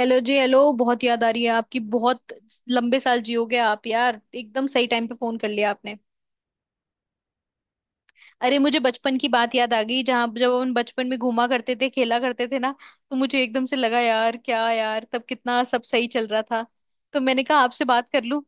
Hello जी। Hello, बहुत याद आ रही है आपकी। बहुत लंबे साल जियोगे आप यार। एकदम सही टाइम पे फोन कर लिया आपने। अरे मुझे बचपन की बात याद आ गई। जहाँ जब हम बचपन में घूमा करते थे, खेला करते थे ना, तो मुझे एकदम से लगा, यार क्या यार, तब कितना सब सही चल रहा था। तो मैंने कहा आपसे बात कर लूं।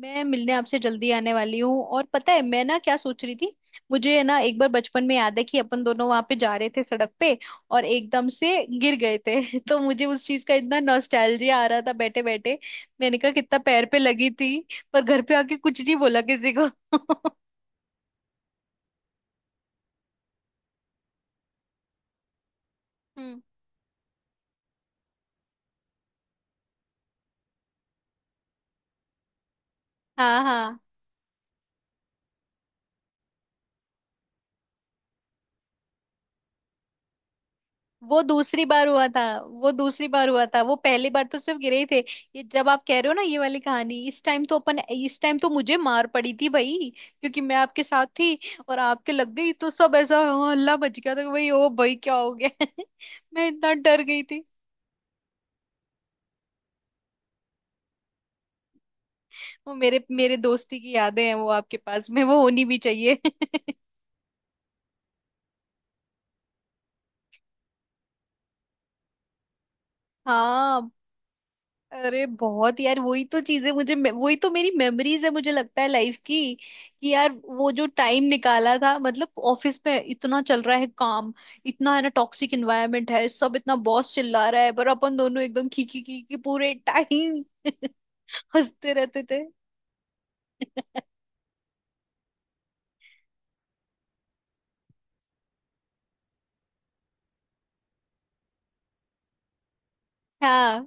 मैं मिलने आपसे जल्दी आने वाली हूँ। और पता है मैं ना क्या सोच रही थी। मुझे है ना एक बार बचपन में याद है कि अपन दोनों वहां पे जा रहे थे सड़क पे और एकदम से गिर गए थे तो मुझे उस चीज का इतना नॉस्टैल्जिया आ रहा था बैठे बैठे। मैंने कहा कितना पैर पे लगी थी, पर घर पे आके कुछ नहीं बोला किसी को हम्म। हाँ। हाँ, वो दूसरी बार हुआ था। वो दूसरी बार हुआ था, वो पहली बार तो सिर्फ गिरे ही थे। ये जब आप कह रहे हो ना ये वाली कहानी, इस टाइम तो अपन, इस टाइम तो मुझे मार पड़ी थी भाई, क्योंकि मैं आपके साथ थी। और आपके लग गई तो सब ऐसा हाँ, हल्ला बच गया था कि भाई ओ भाई क्या हो गया मैं इतना डर गई थी। वो मेरे मेरे दोस्ती की यादें हैं, वो आपके पास में वो होनी भी चाहिए हाँ। अरे बहुत यार, वही तो चीजें मुझे वही तो मेरी मेमोरीज है, मुझे लगता है लाइफ की, कि यार वो जो टाइम निकाला था। मतलब ऑफिस पे इतना चल रहा है काम, इतना है ना टॉक्सिक इन्वायरमेंट है सब, इतना बॉस चिल्ला रहा है, पर अपन दोनों एकदम खी खी खी खी पूरे टाइम हंसते रहते थे। हाँ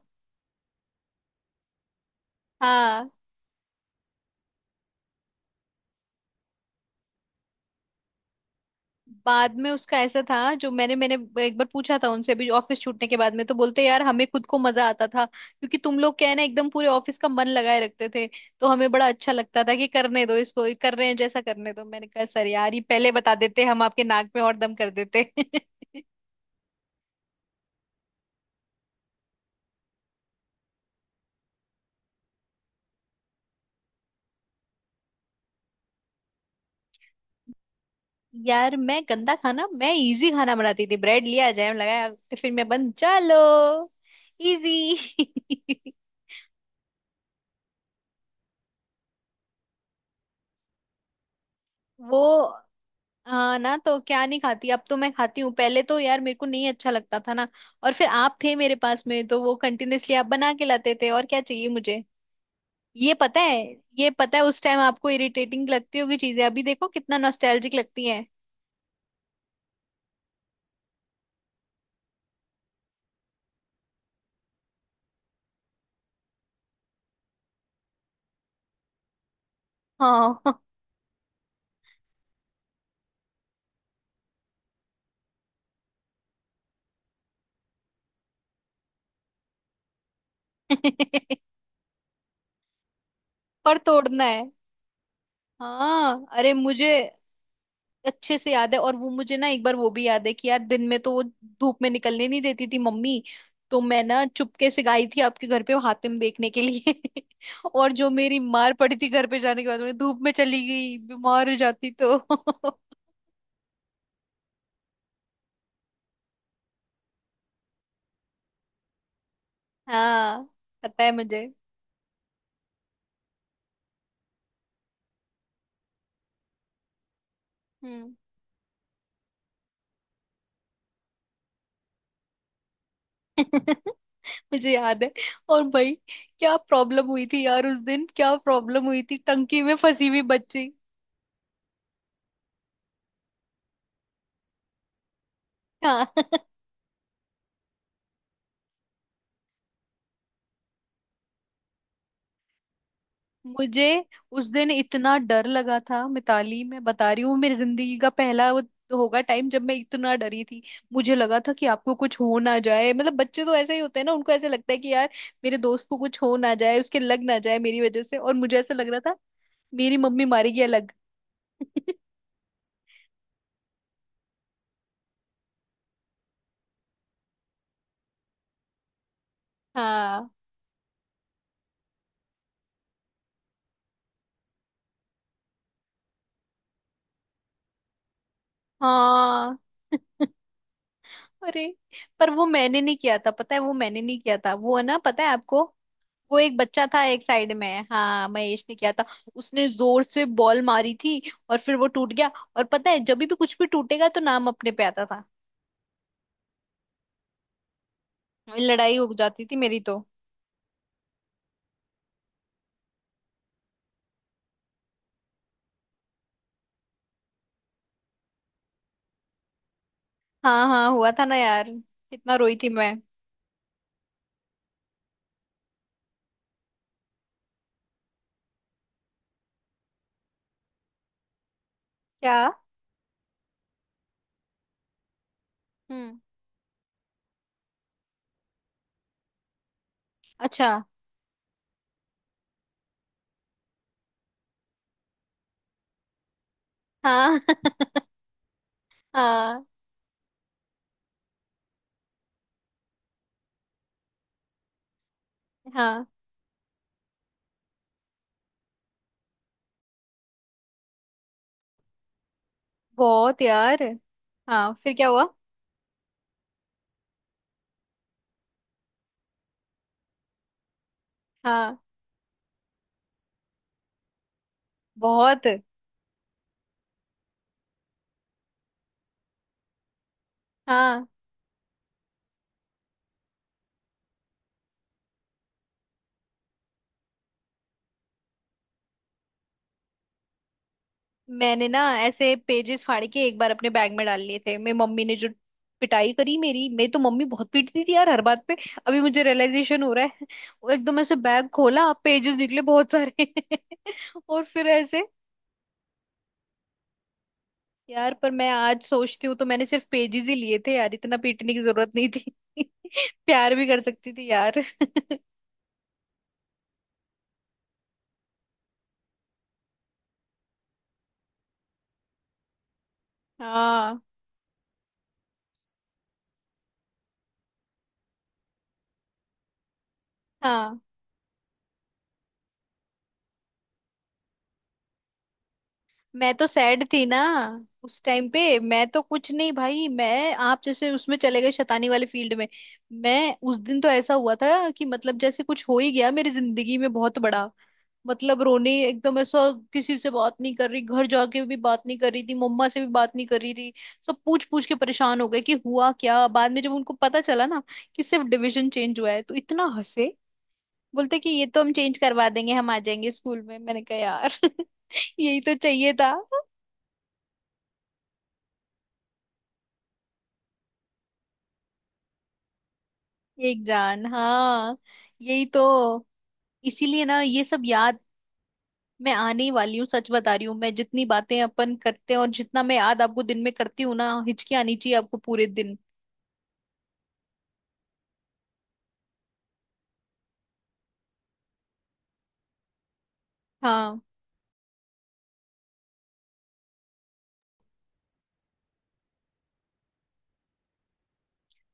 हाँ। बाद में उसका ऐसा था जो मैंने मैंने एक बार पूछा था उनसे अभी ऑफिस छूटने के बाद में, तो बोलते यार हमें खुद को मजा आता था क्योंकि तुम लोग क्या है ना एकदम पूरे ऑफिस का मन लगाए रखते थे। तो हमें बड़ा अच्छा लगता था कि करने दो इसको, ये कर रहे हैं जैसा करने दो। मैंने कहा सर यार ये पहले बता देते, हम आपके नाक में और दम कर देते यार मैं गंदा खाना, मैं इजी खाना बनाती थी। ब्रेड लिया, जैम लगाया, टिफिन में बंद, चलो इजी वो हाँ, ना तो क्या नहीं खाती, अब तो मैं खाती हूँ। पहले तो यार मेरे को नहीं अच्छा लगता था ना। और फिर आप थे मेरे पास में, तो वो कंटिन्यूअसली आप बना के लाते थे, और क्या चाहिए मुझे। ये पता है, ये पता है उस टाइम आपको इरिटेटिंग लगती होगी चीजें, अभी देखो कितना नॉस्टैल्जिक लगती है। हाँ और तोड़ना है। हाँ अरे मुझे अच्छे से याद है। और वो मुझे ना एक बार वो भी याद है कि यार दिन में तो वो धूप में निकलने नहीं देती थी मम्मी, तो मैं ना चुपके से गई थी आपके घर पे हातिम देखने के लिए और जो मेरी मार पड़ी थी घर पे जाने के बाद, मैं धूप में चली गई बीमार हो जाती तो हाँ। पता है मुझे। हम्म मुझे याद है। और भाई क्या प्रॉब्लम हुई थी यार उस दिन, क्या प्रॉब्लम हुई थी, टंकी में फंसी हुई बच्ची। हाँ मुझे उस दिन इतना डर लगा था मिताली, मैं बता रही हूँ मेरी जिंदगी का पहला वो होगा टाइम जब मैं इतना डरी थी। मुझे लगा था कि आपको कुछ हो ना जाए। मतलब बच्चे तो ऐसे ही होते हैं ना, उनको ऐसे लगता है कि यार मेरे दोस्त को कुछ हो ना जाए, उसके लग ना जाए मेरी वजह से। और मुझे ऐसा लग रहा था मेरी मम्मी मारेगी अलग हाँ। हाँ अरे, पर वो मैंने नहीं किया था पता है, वो मैंने नहीं किया था, वो है ना पता है आपको, वो एक बच्चा था एक साइड में, हाँ महेश ने किया था। उसने जोर से बॉल मारी थी और फिर वो टूट गया। और पता है जब भी कुछ भी टूटेगा तो नाम अपने पे आता था। लड़ाई हो जाती थी मेरी तो। हाँ हाँ हुआ था ना यार, कितना रोई थी मैं। क्या। हम्म। अच्छा। हाँ हाँ हाँ। बहुत यार। हाँ फिर क्या हुआ। हाँ बहुत। हाँ मैंने ना ऐसे पेजेस फाड़ के एक बार अपने बैग में डाल लिए थे, मेरी मम्मी ने जो पिटाई करी मेरी, मैं तो मम्मी बहुत पीटती थी यार हर बात पे। अभी मुझे रियलाइजेशन हो रहा है वो एकदम ऐसे बैग खोला, पेजेस निकले बहुत सारे और फिर ऐसे, यार पर मैं आज सोचती हूँ तो मैंने सिर्फ पेजेस ही लिए थे यार, इतना पीटने की जरूरत नहीं थी प्यार भी कर सकती थी यार हाँ। हाँ मैं तो सैड थी ना उस टाइम पे। मैं तो कुछ नहीं भाई, मैं आप जैसे उसमें चले गए शैतानी वाले फील्ड में। मैं उस दिन तो ऐसा हुआ था कि मतलब जैसे कुछ हो ही गया मेरी जिंदगी में बहुत बड़ा। मतलब रोने, एकदम ऐसा किसी से बात नहीं कर रही, घर जाके भी बात नहीं कर रही थी, मम्मा से भी बात नहीं कर रही थी। सब पूछ पूछ के परेशान हो गए कि हुआ क्या, बाद में जब उनको पता चला ना कि सिर्फ डिविजन चेंज हुआ है, तो इतना हंसे। बोलते कि ये तो हम चेंज करवा देंगे, हम आ जाएंगे स्कूल में, मैंने कहा यार यही तो चाहिए था। एक जान, हाँ। यही तो, इसीलिए ना ये सब याद। मैं आने ही वाली हूँ, सच बता रही हूँ, मैं जितनी बातें अपन करते हैं और जितना मैं याद आपको दिन में करती हूँ ना, हिचकी आनी चाहिए आपको पूरे दिन। हाँ।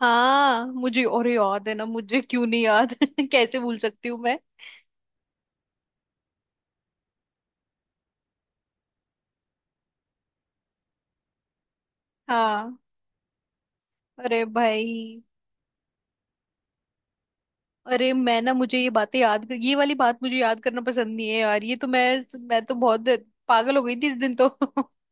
हाँ मुझे अरे याद है ना, मुझे क्यों नहीं याद कैसे भूल सकती हूँ मैं। हाँ। अरे भाई। अरे मैं ना मुझे ये बातें याद, ये वाली बात मुझे याद करना पसंद नहीं है यार, ये तो मैं तो बहुत पागल हो गई थी इस दिन तो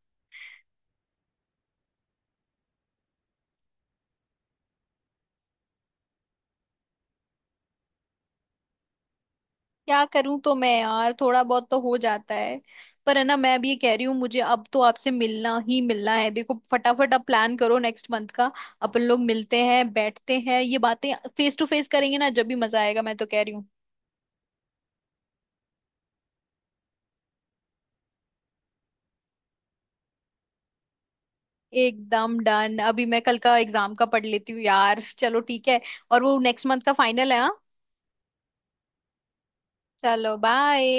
क्या करूं तो मैं यार, थोड़ा बहुत तो हो जाता है। पर है ना मैं भी ये कह रही हूँ, मुझे अब तो आपसे मिलना ही मिलना है। देखो फटाफट आप प्लान करो नेक्स्ट मंथ का। अपन लोग मिलते हैं, बैठते हैं, ये बातें फेस टू फेस करेंगे ना, जब भी मजा आएगा, मैं तो कह रही हूँ। एकदम डन। अभी मैं कल का एग्जाम का पढ़ लेती हूँ यार, चलो ठीक है। और वो नेक्स्ट मंथ का फाइनल है, हाँ। चलो बाय।